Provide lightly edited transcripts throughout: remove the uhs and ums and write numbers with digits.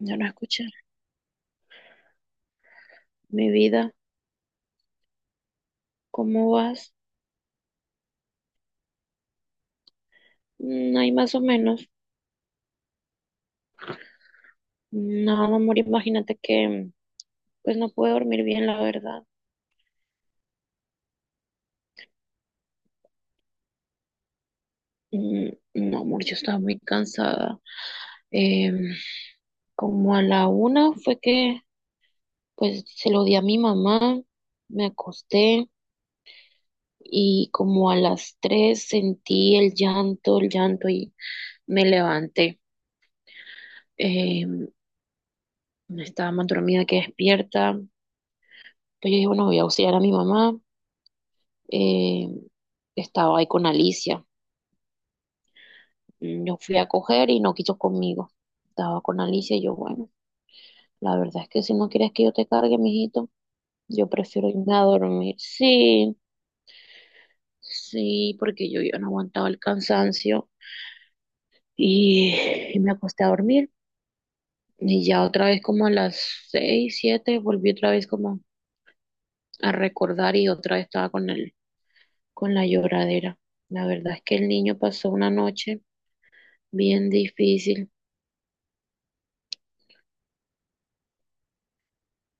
Ya no escuché. Mi vida, ¿cómo vas? Ahí más o menos. No, no, amor, imagínate que pues no pude dormir bien, la verdad. Mm, No, amor, yo estaba muy cansada. Eh, Como a la una fue que pues se lo di a mi mamá, me acosté y como a las tres sentí el llanto y me levanté. Eh, Estaba más dormida que despierta. Pues yo dije, bueno, voy a auxiliar a mi mamá. eh, Estaba ahí con Alicia. Yo fui a coger y no quiso conmigo. Estaba con Alicia y yo, bueno, la verdad es que si no quieres que yo te cargue, mijito, yo prefiero irme a dormir. Sí, sí, porque yo ya no aguantaba el cansancio y, y me acosté a dormir. Y ya otra vez como a las seis, siete, volví otra vez como a recordar y otra vez estaba con él, con la lloradera. La verdad es que el niño pasó una noche bien difícil.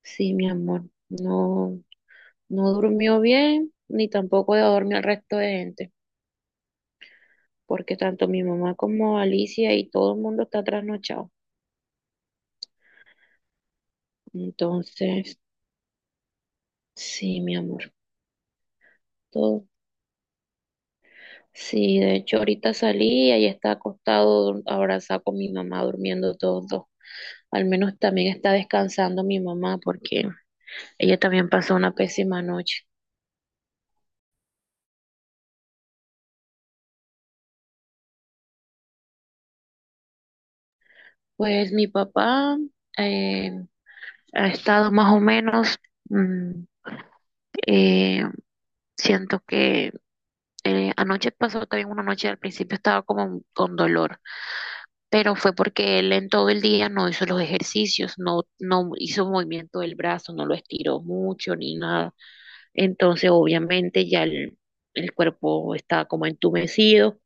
Sí, mi amor, no, no durmió bien, ni tampoco de dormir al resto de gente, porque tanto mi mamá como Alicia y todo el mundo está trasnochado. Entonces, sí, mi amor, todo. Sí, de hecho, ahorita salí y ahí está acostado, abrazado con mi mamá, durmiendo todos dos. Al menos también está descansando mi mamá, porque ella también pasó una pésima noche. Pues mi papá eh, ha estado más o menos. mm, Eh, Siento que anoche pasó también una noche, al principio estaba como con dolor, pero fue porque él en todo el día no hizo los ejercicios, no, no hizo movimiento del brazo, no lo estiró mucho ni nada. Entonces, obviamente ya el cuerpo estaba como entumecido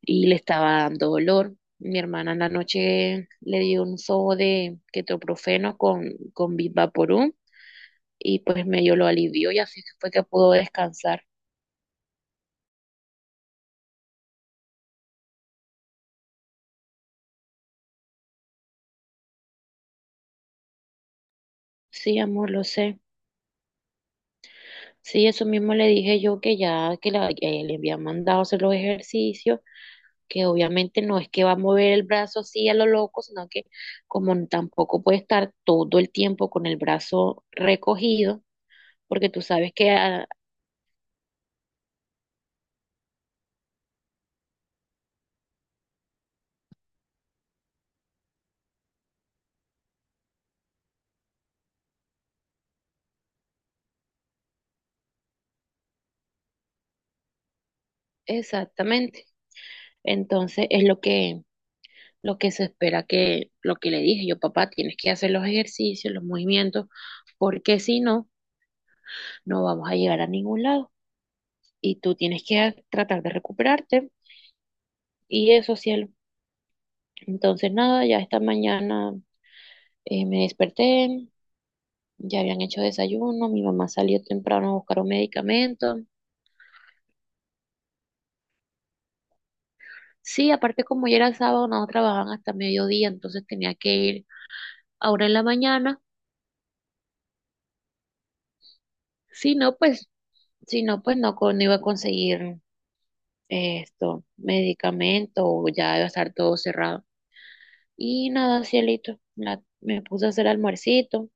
y le estaba dando dolor. Mi hermana en la noche le dio un sobo de ketoprofeno con Vivaporub y pues medio lo alivió y así fue que pudo descansar. Sí, amor, lo sé. Sí, eso mismo le dije yo que ya que le había mandado hacer los ejercicios, que obviamente no es que va a mover el brazo así a lo loco, sino que como tampoco puede estar todo el tiempo con el brazo recogido, porque tú sabes que exactamente. Entonces es lo que se espera que lo que le dije yo, papá, tienes que hacer los ejercicios, los movimientos, porque si no, no vamos a llegar a ningún lado y tú tienes que tratar de recuperarte. Y eso, cielo. Entonces, nada, ya esta mañana me desperté, ya habían hecho desayuno, mi mamá salió temprano a buscar un medicamento. Sí, aparte como ya era sábado, no trabajaban hasta mediodía, entonces tenía que ir ahora en la mañana. Si no, pues, si no, pues no, no iba a conseguir medicamento, o ya iba a estar todo cerrado. Y nada, cielito, me puse a hacer almuercito,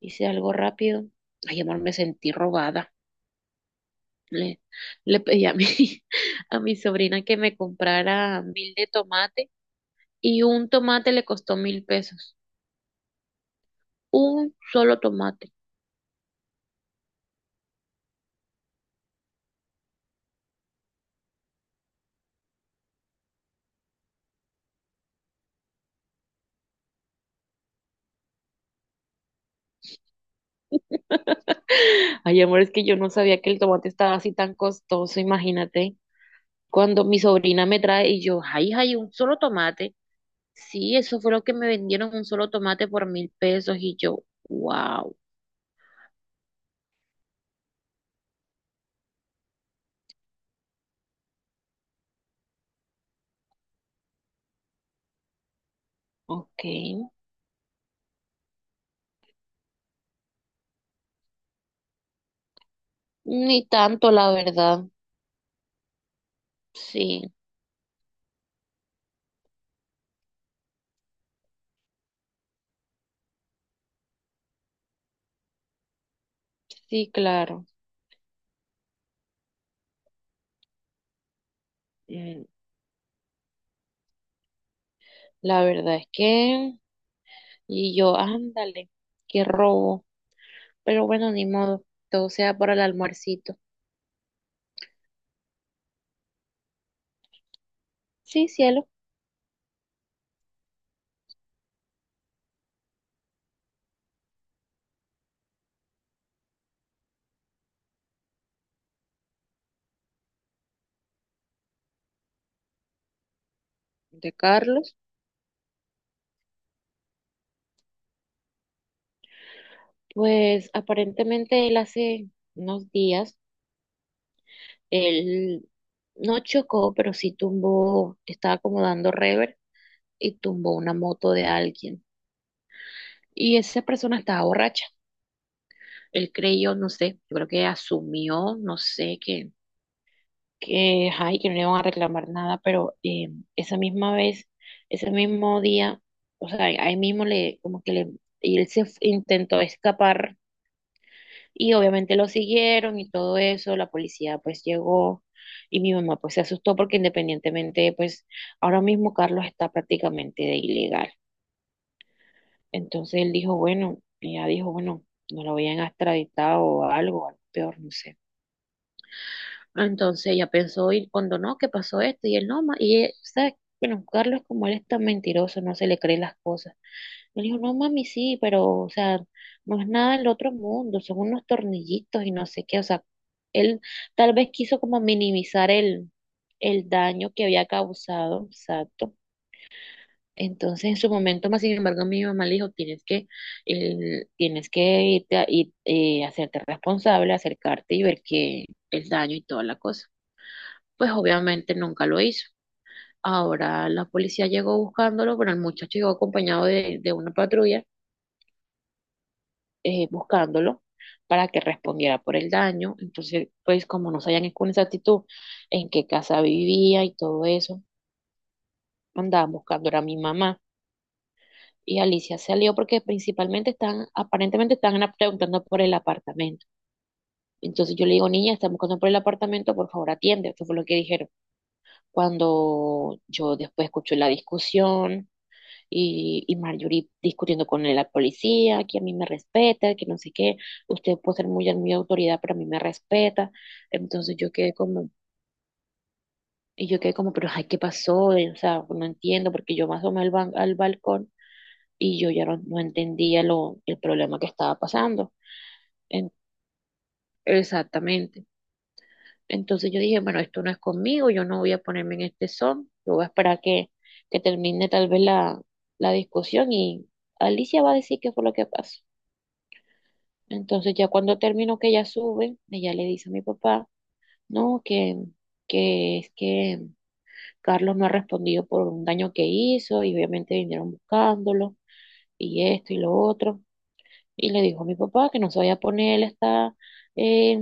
hice algo rápido. Ay, amor, me sentí robada. Le, le pedí a mi, a mi sobrina que me comprara 1.000 de tomate y un tomate le costó 1.000 pesos. Un solo tomate. Ay, amor, es que yo no sabía que el tomate estaba así tan costoso, imagínate. Cuando mi sobrina me trae y yo, ay, ay, un solo tomate. Sí, eso fue lo que me vendieron, un solo tomate por 1.000 pesos. Y yo, wow, ok. Ni tanto, la verdad. Sí, sí, claro. Mm, La verdad es que y yo, ándale, qué robo. Pero bueno, ni modo, todo sea para el almuercito. Sí, cielo, de Carlos. Pues aparentemente él hace unos días, él no chocó, pero sí tumbó, estaba como dando rever y tumbó una moto de alguien. Y esa persona estaba borracha. Él creyó, no sé, yo creo que asumió, no sé, que, ay, que no le van a reclamar nada, pero esa misma vez, ese mismo día, o sea, ahí mismo le, como que le, y él intentó escapar y obviamente lo siguieron y todo eso, la policía pues llegó y mi mamá pues se asustó porque independientemente pues ahora mismo Carlos está prácticamente de ilegal. Entonces él dijo, bueno, ella dijo, bueno, no lo habían extraditado o algo, algo peor, no sé. Entonces ella pensó y cuando no, ¿qué pasó esto? Y él no, y él, ¿sabes? Bueno, Carlos como él es tan mentiroso, no se le cree las cosas. Él dijo, no mami, sí, pero, o sea, no es nada del otro mundo, son unos tornillitos y no sé qué, o sea, él tal vez quiso como minimizar el daño que había causado, exacto. Entonces en su momento, más sin embargo, mi mamá le dijo, tienes que, tienes que irte a, ir, hacerte responsable, acercarte y ver que el daño y toda la cosa pues obviamente nunca lo hizo. Ahora la policía llegó buscándolo, pero el muchacho llegó acompañado de una patrulla buscándolo para que respondiera por el daño. Entonces, pues como no sabían con exactitud en qué casa vivía y todo eso, andaban buscando era a mi mamá. Y Alicia salió porque principalmente están, aparentemente están preguntando por el apartamento. Entonces yo le digo, niña, están buscando por el apartamento, por favor atiende. Eso fue lo que dijeron. Cuando yo después escuché la discusión, y Marjorie discutiendo con la policía, que a mí me respeta, que no sé qué, usted puede ser muy, muy autoridad, pero a mí me respeta. Entonces yo quedé como, y yo quedé como, pero ay, ¿qué pasó? O sea, no entiendo, porque yo me asomé al balcón y yo ya no entendía el problema que estaba pasando. En- Exactamente. Entonces yo dije, bueno, esto no es conmigo, yo no voy a ponerme en este son, yo voy a esperar que termine tal vez la discusión y Alicia va a decir qué fue lo que pasó. Entonces ya cuando terminó que ella sube, ella le dice a mi papá, no, que es que Carlos no ha respondido por un daño que hizo y obviamente vinieron buscándolo y esto y lo otro. Y le dijo a mi papá que no se vaya a poner él está eh,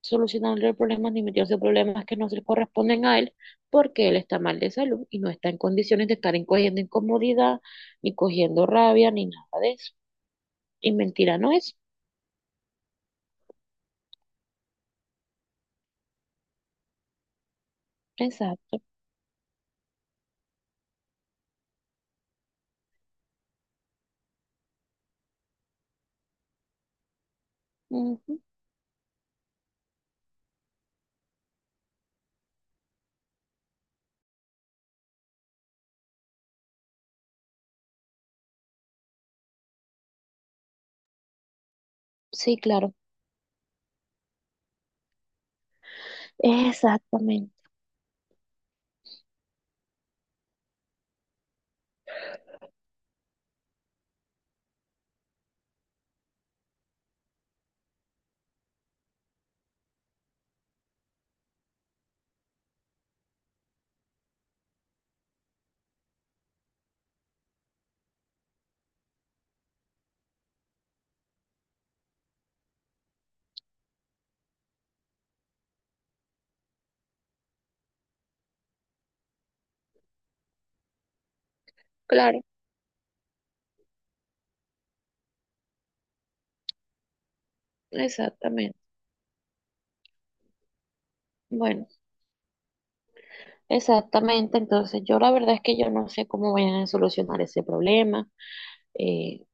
solucionando el problema ni metiéndose en problemas que no se le corresponden a él porque él está mal de salud y no está en condiciones de estar cogiendo incomodidad, ni cogiendo rabia, ni nada de eso. Y mentira no es. Exacto. Ujú. Sí, claro. Exactamente, claro, exactamente. Bueno, exactamente. Entonces, yo la verdad es que yo no sé cómo vayan a solucionar ese problema. Eh,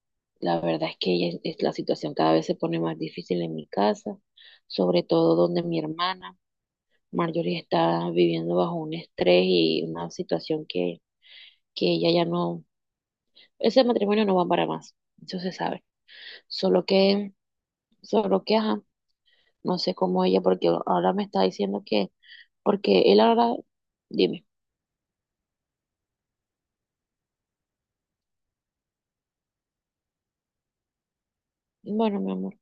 la verdad es que ya la situación cada vez se pone más difícil en mi casa, sobre todo donde mi hermana Marjorie está viviendo bajo un estrés y una situación que ella ya no, ese matrimonio no va para más, eso se sabe. Solo que, solo que, ajá, no sé cómo ella, porque ahora me está diciendo que, porque él ahora, dime, bueno, mi amor.